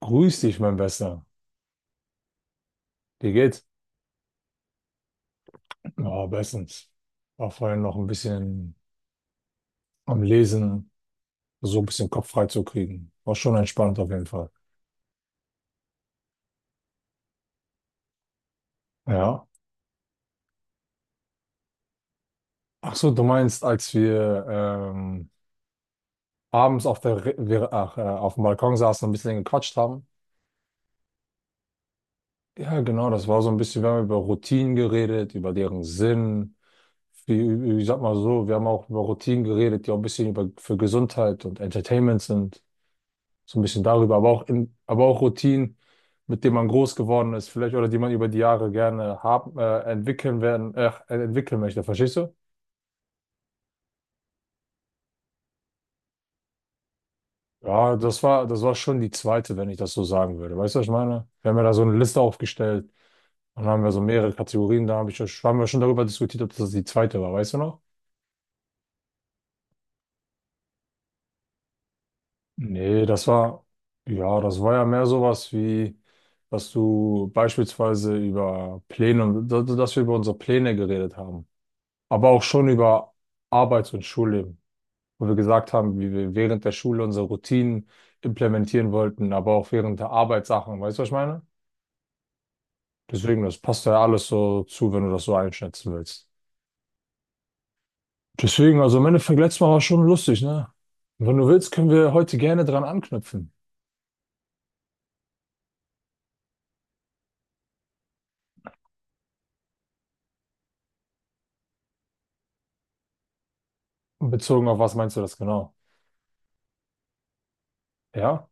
Grüß dich, mein Bester. Wie geht's? Ja, bestens. War vorhin noch ein bisschen am Lesen, so ein bisschen Kopf frei zu kriegen. War schon entspannt auf jeden Fall. Ja. Ach so, du meinst, als wir abends auf der, Re- wir, ach, auf dem Balkon saßen und ein bisschen gequatscht haben? Ja, genau. Das war so ein bisschen, wir haben über Routinen geredet, über deren Sinn. Wie, ich sag mal so, wir haben auch über Routinen geredet, die auch ein bisschen über, für Gesundheit und Entertainment sind. So ein bisschen darüber, aber auch in, aber auch Routinen, mit denen man groß geworden ist, vielleicht oder die man über die Jahre gerne haben, entwickeln werden, entwickeln möchte. Verstehst du? Ja, das war schon die zweite, wenn ich das so sagen würde. Weißt du, was ich meine? Wir haben ja da so eine Liste aufgestellt und dann haben wir so mehrere Kategorien, da haben wir schon darüber diskutiert, ob das die zweite war, weißt du noch? Nee, ja, das war ja mehr sowas wie, dass du beispielsweise über Pläne, dass wir über unsere Pläne geredet haben, aber auch schon über Arbeits- und Schulleben, wo wir gesagt haben, wie wir während der Schule unsere Routinen implementieren wollten, aber auch während der Arbeitssachen. Weißt du, was ich meine? Deswegen, das passt ja alles so zu, wenn du das so einschätzen willst. Deswegen, also im Endeffekt, letztes Mal war schon lustig, ne? Und wenn du willst, können wir heute gerne dran anknüpfen. Bezogen auf was meinst du das genau? Ja?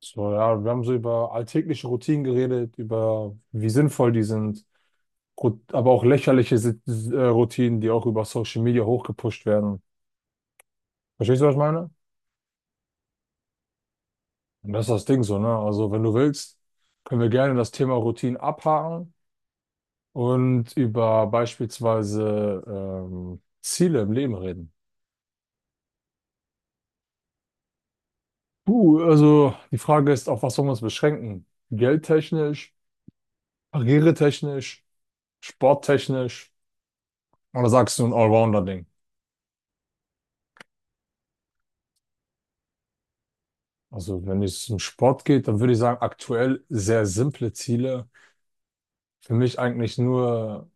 So, ja, wir haben so über alltägliche Routinen geredet, über wie sinnvoll die sind, aber auch lächerliche Routinen, die auch über Social Media hochgepusht werden. Verstehst du, was ich meine? Und das ist das Ding so, ne? Also, wenn du willst, können wir gerne das Thema Routinen abhaken und über beispielsweise Ziele im Leben reden. Puh, also die Frage ist, auf was sollen wir uns beschränken? Geldtechnisch, karrieretechnisch, sporttechnisch oder sagst du ein Allrounder-Ding? Also, wenn es um Sport geht, dann würde ich sagen, aktuell sehr simple Ziele. Für mich eigentlich nur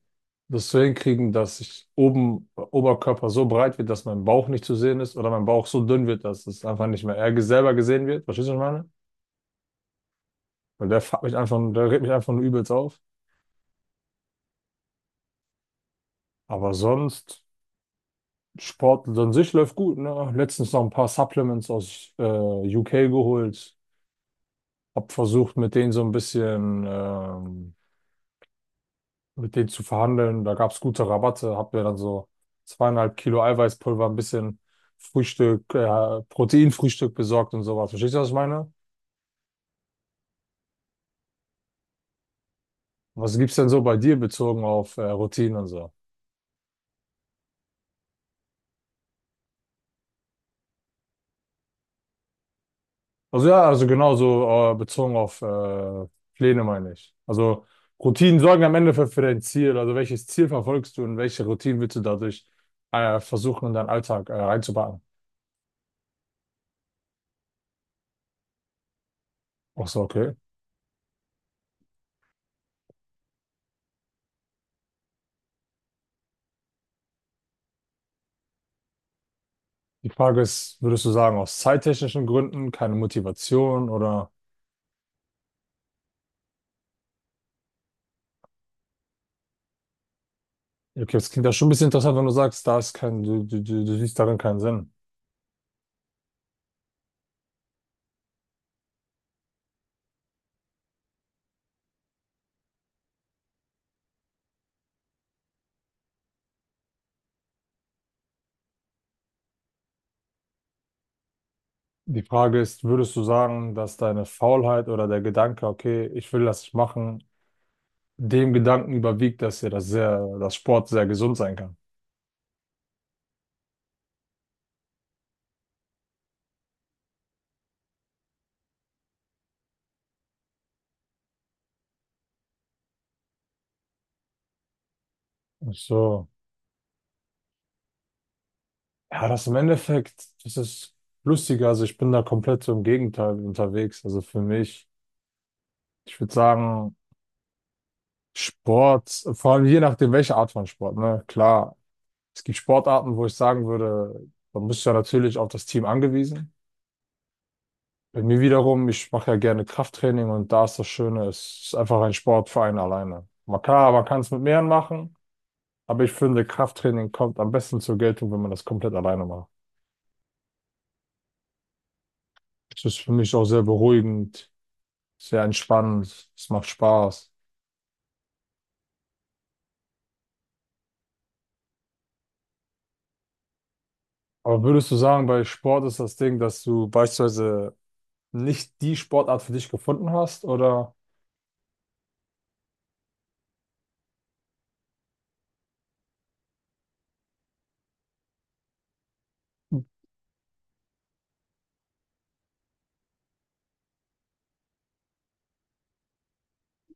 das so hinkriegen, dass ich oben Oberkörper so breit wird, dass mein Bauch nicht zu sehen ist oder mein Bauch so dünn wird, dass es einfach nicht mehr er selber gesehen wird. Verstehst du, was ich meine? Weil der fuckt mich einfach, der regt mich einfach nur übelst auf. Aber sonst, Sport an sich läuft gut, ne? Letztens noch ein paar Supplements aus UK geholt. Hab versucht, mit denen so ein bisschen mit denen zu verhandeln. Da gab es gute Rabatte, hab mir dann so zweieinhalb Kilo Eiweißpulver, ein bisschen Proteinfrühstück besorgt und sowas. Verstehst du, was ich meine? Was gibt's denn so bei dir bezogen auf Routinen und so? Also ja, also genauso bezogen auf Pläne meine ich. Also Routinen sorgen am Ende für dein Ziel. Also welches Ziel verfolgst du und welche Routinen willst du dadurch versuchen, in deinen Alltag reinzubauen? Ach so, okay. Die Frage ist, würdest du sagen, aus zeittechnischen Gründen keine Motivation oder okay, das klingt ja schon ein bisschen interessant, wenn du sagst, da ist kein, du siehst darin keinen Sinn. Die Frage ist, würdest du sagen, dass deine Faulheit oder der Gedanke, okay, ich will das nicht machen, dem Gedanken überwiegt, dass dir das sehr, dass Sport sehr gesund sein kann? Ach so. Ja, das im Endeffekt, das ist lustiger. Also ich bin da komplett so im Gegenteil unterwegs. Also für mich. Ich würde sagen, Sport, vor allem je nachdem, welche Art von Sport, ne? Klar, es gibt Sportarten, wo ich sagen würde, man ist ja natürlich auf das Team angewiesen. Bei mir wiederum, ich mache ja gerne Krafttraining und da ist das Schöne, es ist einfach ein Sport für einen alleine. Man kann es mit mehreren machen, aber ich finde, Krafttraining kommt am besten zur Geltung, wenn man das komplett alleine macht. Es ist für mich auch sehr beruhigend, sehr entspannend, es macht Spaß. Aber würdest du sagen, bei Sport ist das Ding, dass du beispielsweise nicht die Sportart für dich gefunden hast? Oder,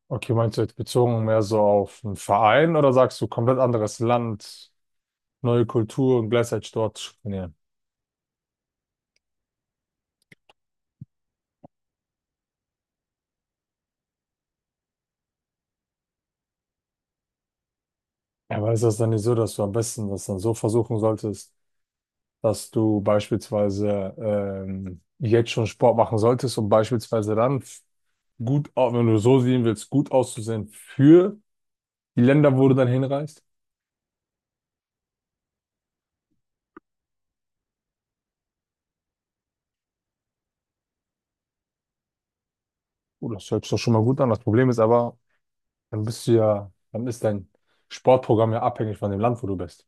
okay, meinst du jetzt bezogen mehr so auf einen Verein oder sagst du komplett anderes Land, neue Kultur und gleichzeitig dort zu trainieren? Ja, aber ist das dann nicht so, dass du am besten das dann so versuchen solltest, dass du beispielsweise jetzt schon Sport machen solltest, um beispielsweise gut, wenn du so sehen willst, gut auszusehen für die Länder, wo du dann hinreist? Oh, das hört sich doch schon mal gut an. Das Problem ist aber, dann bist du ja, dann ist dein Sportprogramm ja abhängig von dem Land, wo du bist.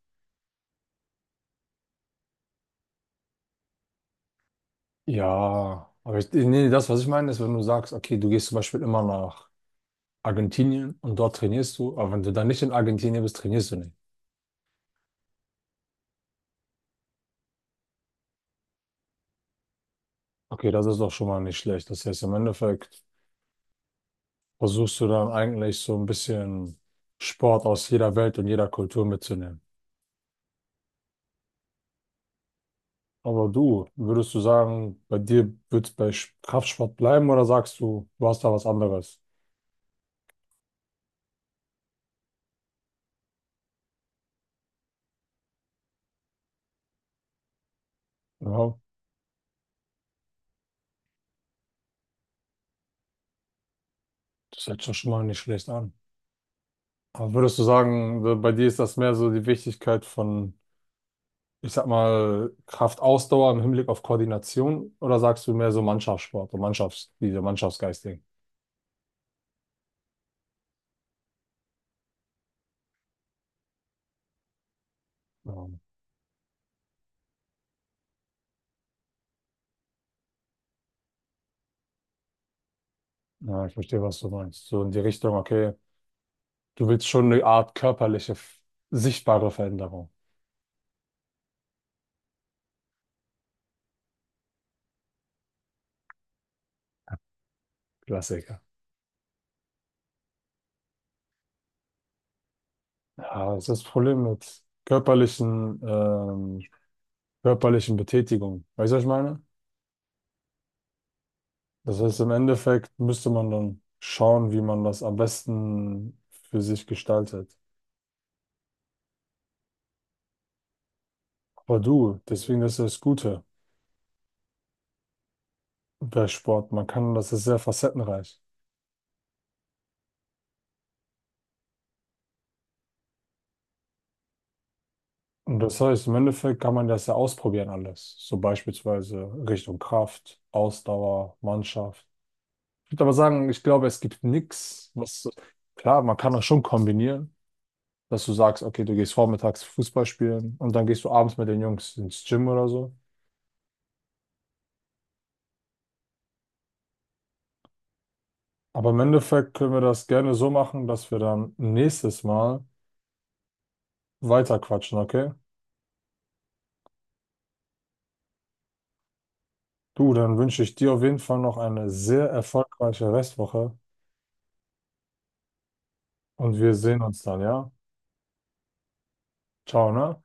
Ja, aber ich, nee, nee, das, was ich meine, ist, wenn du sagst, okay, du gehst zum Beispiel immer nach Argentinien und dort trainierst du, aber wenn du dann nicht in Argentinien bist, trainierst du nicht. Okay, das ist doch schon mal nicht schlecht. Das heißt, im Endeffekt versuchst du dann eigentlich so ein bisschen Sport aus jeder Welt und jeder Kultur mitzunehmen. Aber du, würdest du sagen, bei dir wird es bei Kraftsport bleiben oder sagst du, du hast da was anderes? Ja, das hört sich doch schon mal nicht schlecht an. Aber würdest du sagen, so bei dir ist das mehr so die Wichtigkeit von, ich sag mal, Kraftausdauer im Hinblick auf Koordination oder sagst du mehr so Mannschaftssport, so Mannschafts, diese Mannschaftsgeisting? Ja, ja, ich verstehe, was du meinst. So in die Richtung, okay, du willst schon eine Art sichtbare Veränderung. Klassiker. Ja, das ist das Problem mit körperlichen, körperlichen Betätigungen. Weißt du, was ich meine? Das heißt, im Endeffekt müsste man dann schauen, wie man das am besten für sich gestaltet. Boah, du, deswegen das ist das Gute bei Sport. Man kann, das ist sehr facettenreich. Und das heißt, im Endeffekt kann man das ja ausprobieren alles. So beispielsweise Richtung Kraft, Ausdauer, Mannschaft. Ich würde aber sagen, ich glaube, es gibt nichts, was, so, klar, man kann das schon kombinieren, dass du sagst, okay, du gehst vormittags Fußball spielen und dann gehst du abends mit den Jungs ins Gym oder so. Aber im Endeffekt können wir das gerne so machen, dass wir dann nächstes Mal weiterquatschen, okay? Du, dann wünsche ich dir auf jeden Fall noch eine sehr erfolgreiche Restwoche und wir sehen uns dann, ja? Ciao, ne?